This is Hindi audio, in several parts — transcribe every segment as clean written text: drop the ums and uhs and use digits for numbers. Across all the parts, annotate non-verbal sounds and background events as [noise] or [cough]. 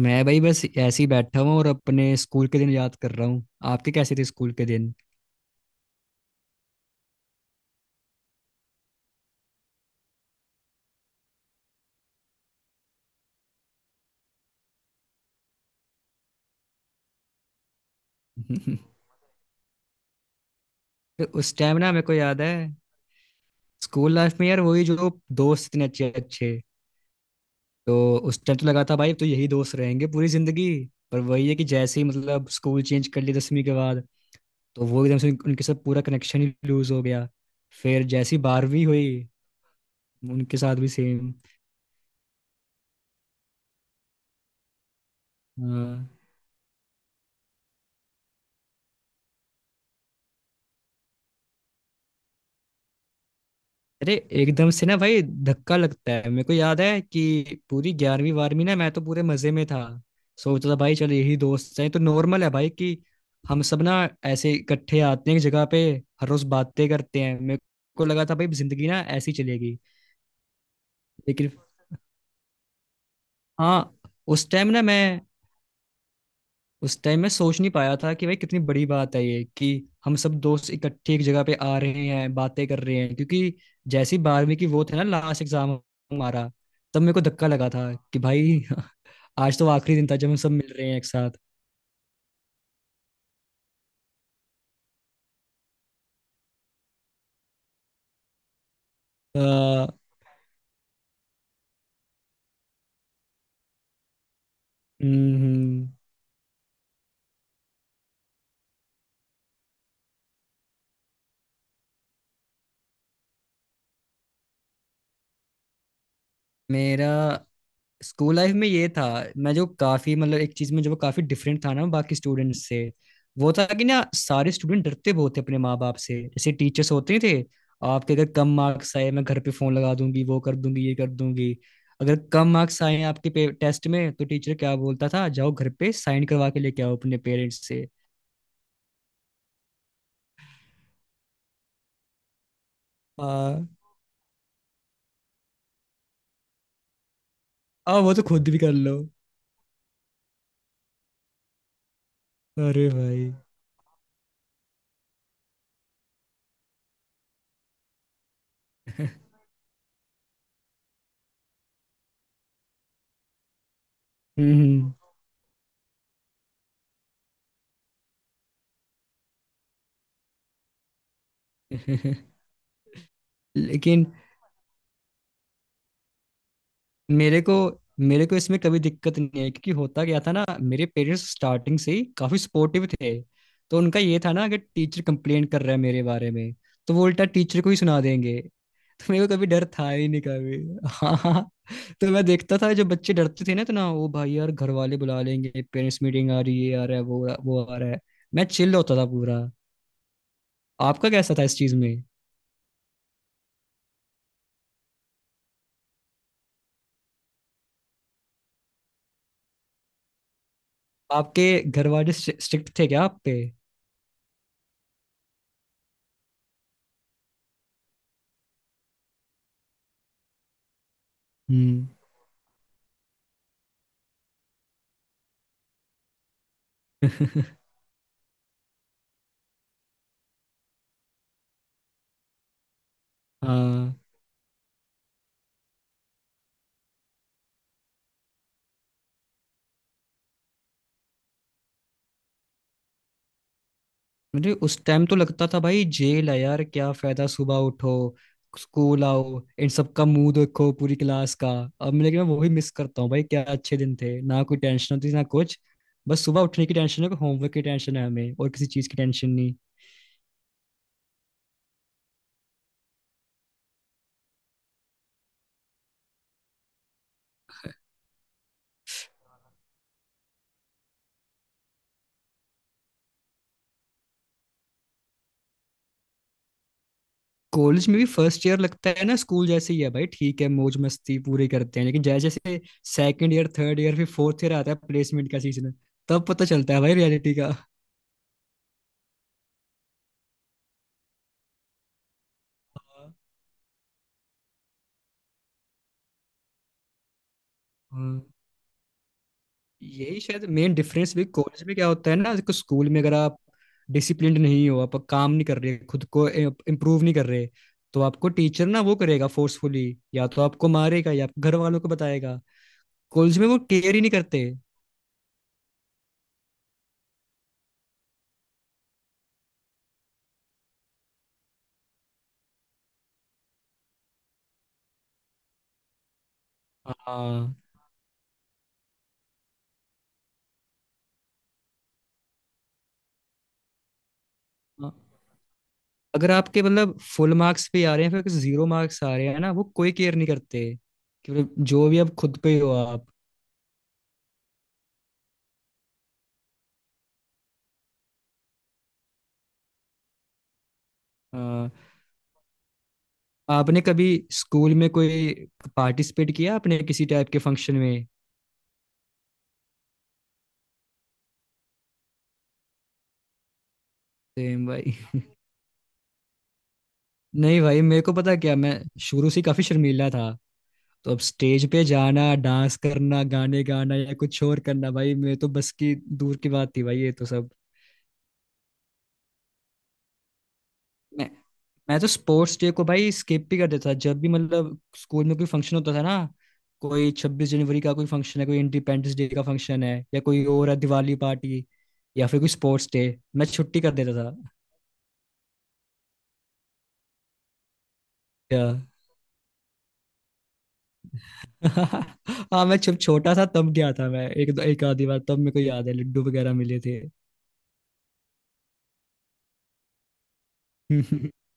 मैं भाई बस ऐसे ही बैठा हूँ और अपने स्कूल के दिन याद कर रहा हूँ। आपके कैसे थे स्कूल के दिन? [laughs] तो उस टाइम ना मेरे को याद है। स्कूल लाइफ में यार वही जो दोस्त इतने अच्छे अच्छे। तो उस टाइम तो लगा था भाई तो यही दोस्त रहेंगे पूरी जिंदगी। पर वही है कि जैसे ही मतलब स्कूल चेंज कर लिया 10वीं के बाद, तो वो एकदम से उनके साथ पूरा कनेक्शन ही लूज हो गया। फिर जैसी 12वीं हुई उनके साथ भी सेम। अरे एकदम से ना भाई धक्का लगता है। मेरे को याद है कि पूरी 11वीं 12वीं ना मैं तो पूरे मजे में था। सोचता था भाई चल यही दोस्त हैं तो नॉर्मल है भाई कि हम सब ना ऐसे इकट्ठे आते हैं एक जगह पे, हर रोज बातें करते हैं। मेरे को लगा था भाई जिंदगी ना ऐसी चलेगी। लेकिन हाँ, उस टाइम ना मैं उस टाइम मैं सोच नहीं पाया था कि भाई कितनी बड़ी बात है ये, कि हम सब दोस्त इकट्ठे एक जगह पे आ रहे हैं बातें कर रहे हैं। क्योंकि जैसी 12वीं की वो थे ना लास्ट एग्जाम हमारा, तब मेरे को धक्का लगा था कि भाई [laughs] आज तो आखिरी दिन था जब हम सब मिल रहे हैं एक साथ। अ, हम्म, हम्म। मेरा स्कूल लाइफ में ये था, मैं जो काफी मतलब एक चीज में जो काफी डिफरेंट था ना बाकी स्टूडेंट्स से, वो था कि ना सारे स्टूडेंट डरते बहुत थे अपने माँ बाप से। जैसे टीचर्स होते थे, आपके अगर कम मार्क्स आए मैं घर पे फोन लगा दूंगी, वो कर दूंगी, ये कर दूंगी। अगर कम मार्क्स आए आपके टेस्ट में तो टीचर क्या बोलता था, जाओ घर पे साइन करवा के लेके आओ अपने पेरेंट्स से। हाँ, अब वो तो खुद भी कर लो। अरे भाई! [laughs] हम्म। [laughs] लेकिन मेरे को मेरे को इसमें कभी दिक्कत नहीं है, क्योंकि होता क्या था ना मेरे पेरेंट्स स्टार्टिंग से ही काफी सपोर्टिव थे। तो उनका ये था ना, अगर टीचर कंप्लेन कर रहा है मेरे बारे में तो वो उल्टा टीचर को ही सुना देंगे। तो मेरे को कभी डर था ही नहीं कभी। [laughs] हाँ, हाँ। तो मैं देखता था जो बच्चे डरते थे ना, तो ना वो भाई यार घर वाले बुला लेंगे, पेरेंट्स मीटिंग आ रही है, आ रहा है वो आ रहा है। मैं चिल्ल होता था पूरा। आपका कैसा था इस चीज में? आपके घर वाले स्ट्रिक्ट थे क्या आप पे? हम्म। [laughs] हाँ, मुझे उस टाइम तो लगता था भाई जेल है यार, क्या फायदा, सुबह उठो, स्कूल आओ, इन सब का मुंह देखो पूरी क्लास का। लेकिन मैं वही मिस करता हूँ भाई, क्या अच्छे दिन थे ना, कोई टेंशन होती ना कुछ, बस सुबह उठने की टेंशन है, होमवर्क की टेंशन है, हमें और किसी चीज की टेंशन नहीं। कॉलेज में भी फर्स्ट ईयर लगता है ना स्कूल जैसे ही है भाई, ठीक है मौज मस्ती पूरी करते हैं, लेकिन जैसे जैसे सेकंड ईयर, थर्ड ईयर, फिर फोर्थ ईयर आता है प्लेसमेंट का सीजन, तब पता चलता है भाई रियलिटी का। हाँ। हाँ। यही शायद मेन डिफरेंस भी। कॉलेज में क्या होता है ना, देखो स्कूल में अगर आप डिसिप्लिन नहीं हो, आप काम नहीं कर रहे, खुद को इम्प्रूव नहीं कर रहे, तो आपको टीचर ना वो करेगा फोर्सफुली, या तो आपको मारेगा या घर वालों को बताएगा। कॉलेज में वो केयर ही नहीं करते। हाँ। हाँ। अगर आपके मतलब फुल मार्क्स पे आ रहे हैं फिर जीरो मार्क्स आ रहे हैं ना, वो कोई केयर नहीं करते कि मतलब जो भी आप खुद पे हो आप। हाँ। आपने कभी स्कूल में कोई पार्टिसिपेट किया? आपने किसी टाइप के फंक्शन में? सेम भाई। नहीं भाई, मेरे को पता क्या, मैं शुरू से ही काफी शर्मीला था, तो अब स्टेज पे जाना, डांस करना, गाने गाना या कुछ और करना भाई मैं तो बस की दूर की बात थी भाई, ये तो सब। मैं मैं तो स्पोर्ट्स डे को भाई स्किप भी कर देता था, जब भी मतलब स्कूल में कोई फंक्शन होता था ना, कोई 26 जनवरी का कोई फंक्शन है, कोई इंडिपेंडेंस डे का फंक्शन है, या कोई और है दिवाली पार्टी, या फिर कोई स्पोर्ट्स डे, मैं छुट्टी कर देता था। या [laughs] हाँ, मैं जब छोटा था तब गया था मैं एक एक आधी बार, तब मेरे को याद है लड्डू वगैरह मिले थे। [laughs]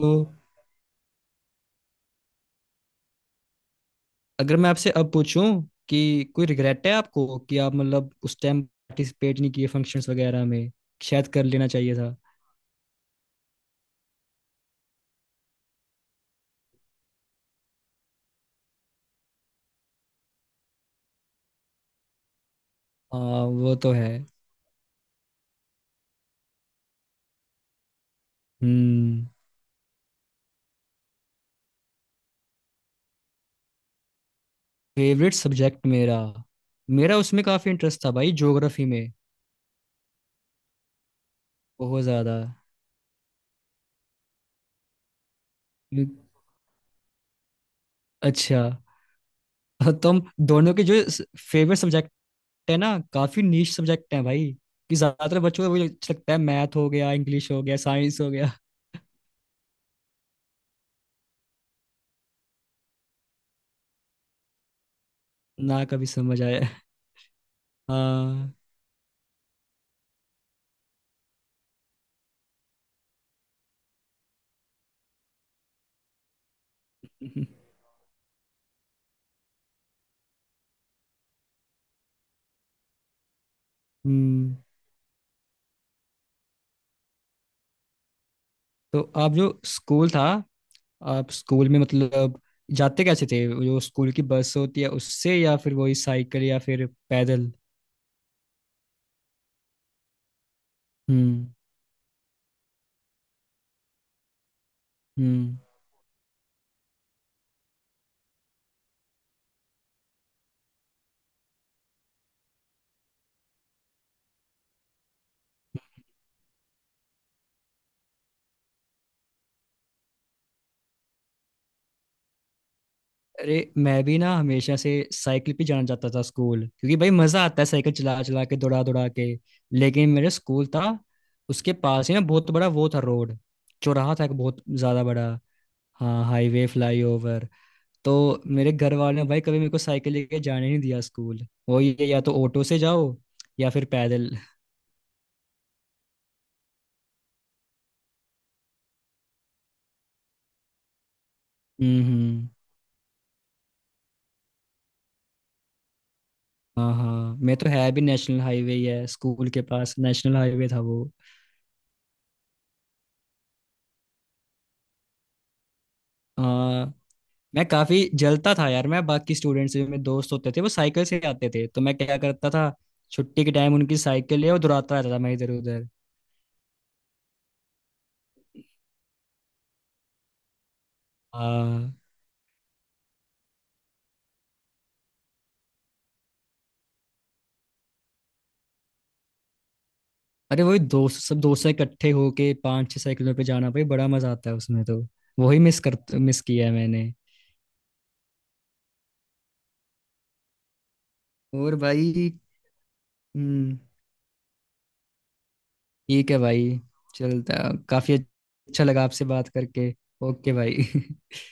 तो अगर मैं आपसे अब पूछूं कि कोई रिग्रेट है आपको कि आप मतलब उस टाइम पार्टिसिपेट नहीं किए फंक्शंस वगैरह में, शायद कर लेना चाहिए था। आ, वो तो है। हम्म। फेवरेट सब्जेक्ट मेरा मेरा उसमें काफी इंटरेस्ट था भाई ज्योग्राफी में, बहुत ज्यादा। अच्छा। तुम दोनों के जो फेवरेट सब्जेक्ट है ना काफी नीश सब्जेक्ट है भाई, कि ज्यादातर बच्चों को वही अच्छा लगता है, मैथ हो गया, इंग्लिश हो गया, साइंस हो गया। ना कभी समझ आया। हाँ। हम्म। तो आप जो स्कूल था, आप स्कूल में मतलब जाते कैसे थे, वो जो स्कूल की बस होती है उससे या फिर वही साइकिल या फिर पैदल? हम्म, हम्म। अरे मैं भी ना हमेशा से साइकिल पे जाना चाहता था स्कूल, क्योंकि भाई मजा आता है साइकिल चला चला के, दौड़ा दौड़ा के। लेकिन मेरा स्कूल था उसके पास ही ना बहुत बड़ा वो था रोड, चौराहा था एक बहुत ज्यादा बड़ा, हाँ हाईवे फ्लाईओवर, तो मेरे घर वालों ने भाई कभी मेरे को साइकिल लेके जाने नहीं दिया स्कूल, वो ये या तो ऑटो से जाओ या फिर पैदल। हम्म, हम्म। हाँ, हाँ, मैं तो है भी नेशनल हाईवे ही है, स्कूल के पास नेशनल हाईवे था वो। हाँ। मैं काफी जलता था यार, मैं बाकी स्टूडेंट्स जो मेरे दोस्त होते थे वो साइकिल से आते थे, तो मैं क्या करता था छुट्टी के टाइम उनकी साइकिल ले और दौड़ाता रहता था मैं इधर उधर। हाँ। अरे वही दोस्त, सब दोस्त इकट्ठे होके 5 6 साइकिलों पे जाना भाई बड़ा मजा आता है उसमें तो। वही मिस किया है मैंने। और भाई। हम्म। ठीक है भाई। चलता, काफी अच्छा लगा आपसे बात करके। ओके भाई। [laughs]